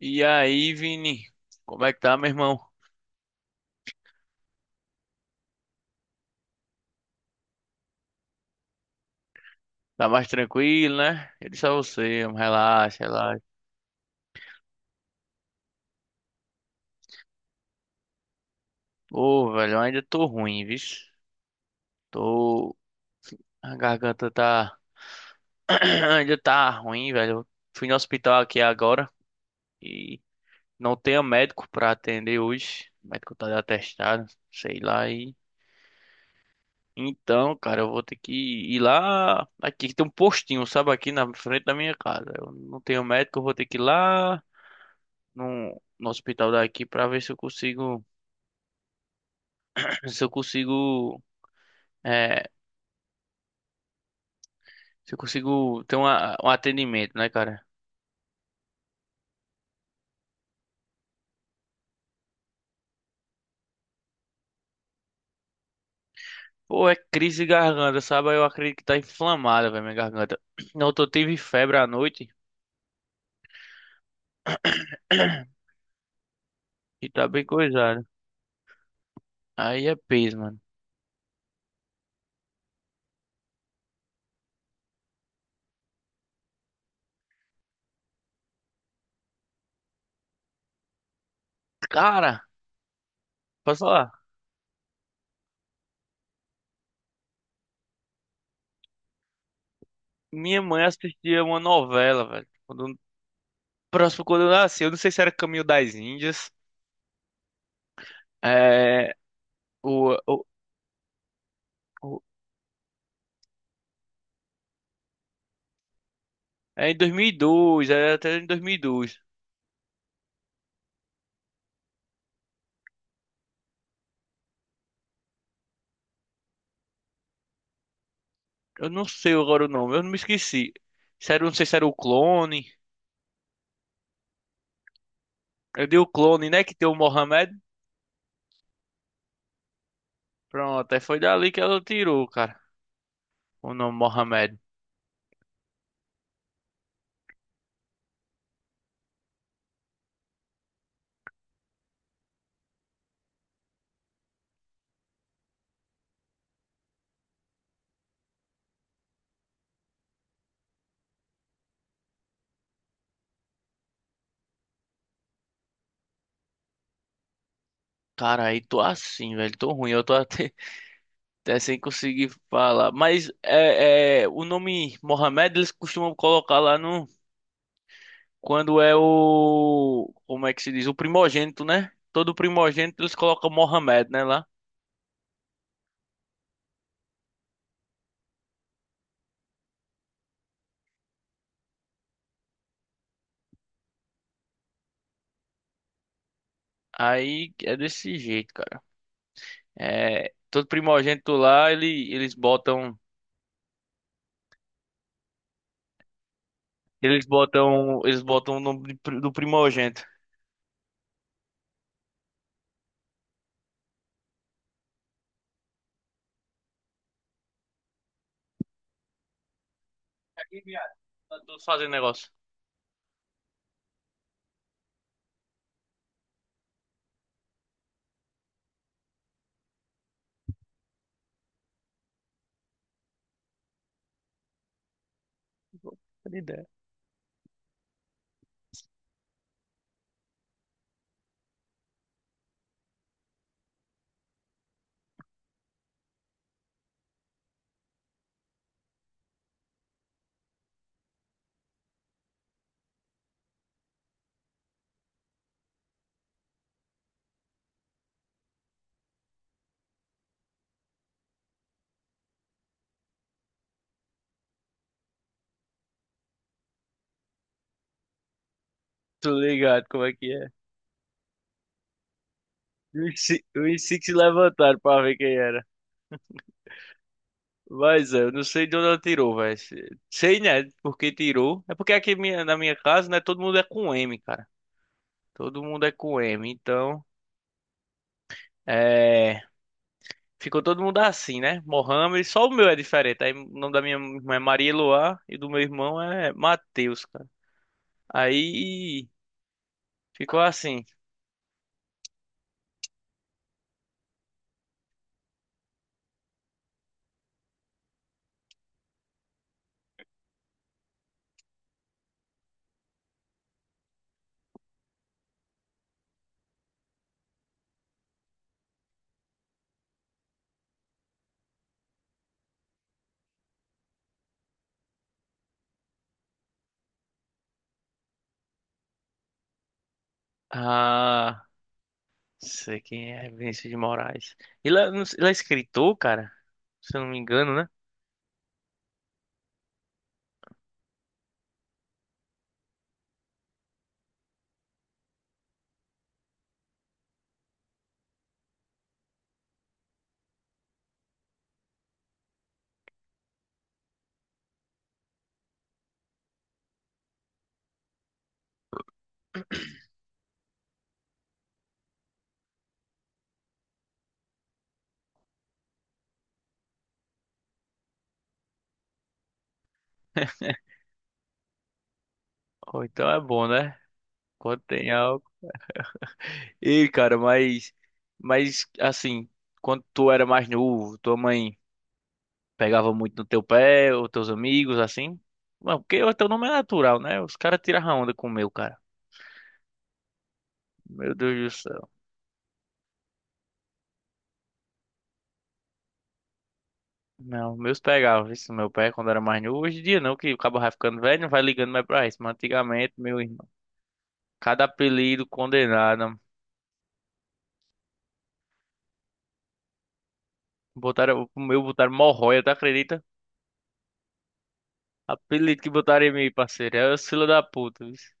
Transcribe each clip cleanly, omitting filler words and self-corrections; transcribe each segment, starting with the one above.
E aí, Vini? Como é que tá, meu irmão? Tá mais tranquilo, né? Eu disse a você, relaxa, relaxa. Pô, velho, eu ainda tô ruim, viu? Tô. A garganta tá. Ainda tá ruim, velho. Eu fui no hospital aqui agora e não tenho médico pra atender hoje. O médico tá de atestado, sei lá. E... Então, cara, eu vou ter que ir lá. Aqui tem um postinho, sabe? Aqui na frente da minha casa. Eu não tenho médico, eu vou ter que ir lá no hospital daqui para ver se eu consigo, se eu consigo, é, se eu consigo ter um atendimento, né, cara? Pô, é crise de garganta, sabe? Eu acredito que tá inflamada, velho, minha garganta. Não, eu tive febre à noite e tá bem coisado. Aí é peso, mano. Cara, posso falar? Minha mãe assistia uma novela, velho. Quando, próximo quando eu nasci, eu não sei se era Caminho das Índias. É, o, o, o- é em 2002, era até em 2002. Eu não sei agora o nome, eu não me esqueci. Se era, um, não sei se era o clone. Eu dei o clone, né? Que tem o Mohamed. Pronto, aí foi dali que ela tirou, cara. O nome Mohamed. Cara, aí tô assim, velho. Tô ruim, eu tô até, até sem conseguir falar. Mas o nome Mohamed eles costumam colocar lá no. Quando é o. Como é que se diz? O primogênito, né? Todo primogênito eles colocam Mohamed, né? Lá. Aí é desse jeito, cara. É, todo primogênito lá, ele, eles botam. Eles botam, eles botam o nome de do primogênito. Aqui, viado. Tá todos fazendo negócio. Pô, que ideia. Tô ligado como é que é. E os cinco se levantaram pra ver quem era. Mas é, eu não sei de onde ela tirou, velho. Sei, né? Porque tirou. É porque aqui na minha casa, né? Todo mundo é com M, cara. Todo mundo é com M. Então, é. Ficou todo mundo assim, né? Mohamed, só o meu é diferente. Aí o nome da minha irmã é Maria Eloá e do meu irmão é Matheus, cara. Aí ficou assim. Ah, sei quem é Vinícius de Moraes. Ele é, não sei- ele é escritor, cara? Se eu não me engano, né? Ou então é bom, né? Quando tem algo. E, cara, mas. Mas, assim, quando tu era mais novo, tua mãe pegava muito no teu pé, ou teus amigos, assim? Não, porque o teu nome é natural, né? Os caras tiravam onda com o meu, cara. Meu Deus do céu. Não, meus pegavam isso no meu pé quando era mais novo. Hoje em dia não, que o cabo vai ficando velho, não vai ligando mais pra isso. Mas antigamente, meu irmão. Cada apelido condenado. Botaram, o meu botaram Morroia, tu acredita? Apelido que botaram em mim, parceiro. É o fila da puta. Vixe.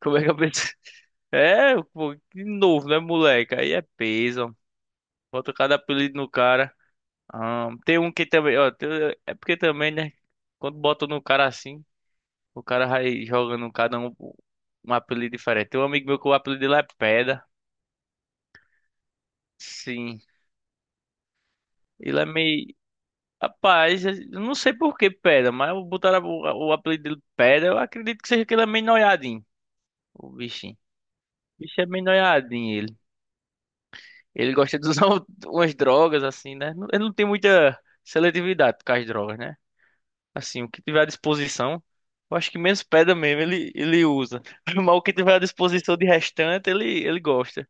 Como é que eu pensei? É, pô, de novo, né, moleque? Aí é peso. Bota cada apelido no cara. Ah, tem um que também, ó. É porque também, né? Quando bota no cara assim, o cara vai jogando cada um um apelido diferente. Tem um amigo meu que o apelido dele é Pedra. Sim. Ele é meio. Rapaz, eu não sei por que Pedra, mas botaram o apelido dele de Pedra. Eu acredito que seja que ele é meio noiadinho, o bichinho. O bicho é meio noiadinho, ele. Ele gosta de usar umas drogas, assim, né? Ele não tem muita seletividade com as drogas, né? Assim, o que tiver à disposição, eu acho que menos Pedra mesmo ele usa. Mas o que tiver à disposição de restante, ele gosta.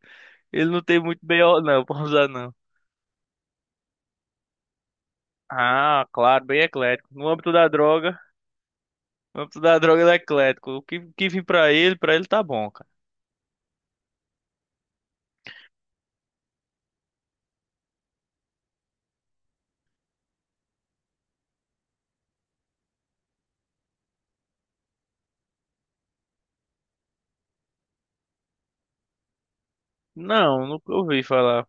Ele não tem muito BO, não, pra usar, não. Ah, claro, bem eclético. No âmbito da droga. Vamos dar a droga do eclético. O que vim pra ele tá bom, cara. Não, nunca ouvi falar.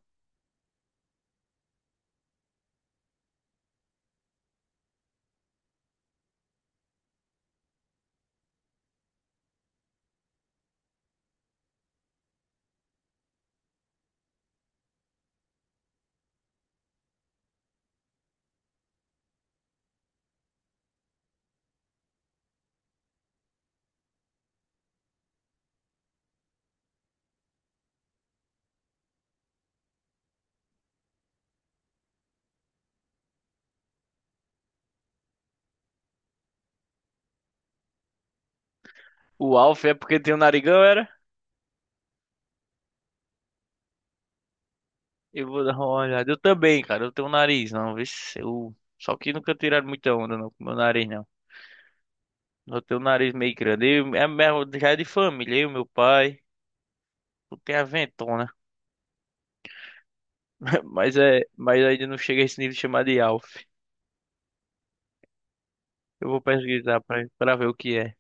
O Alf é porque tem um narigão, era? Eu vou dar uma olhada. Eu também, cara. Eu tenho um nariz, não. Vê se eu... Só que nunca tiraram muita onda não, com meu nariz, não. Eu tenho um nariz meio grande. Eu, é, mesmo- já é de família, eu, meu pai. Eu tenho a ventona. Mas, é, mas ainda não chega a esse nível de chamar de Alf. Eu vou pesquisar pra ver o que é.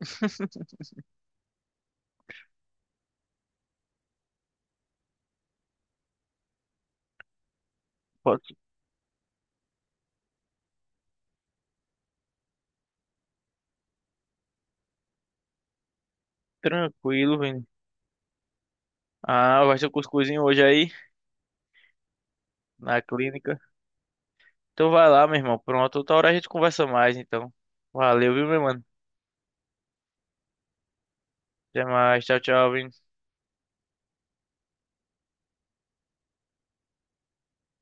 Pode ser tranquilo, velho. Ah, vai ser o cuscuzinho hoje aí, na clínica. Então vai lá, meu irmão. Pronto, outra hora a gente conversa mais, então. Valeu, viu, meu mano? Até mais. Tchau, tchau. Vini.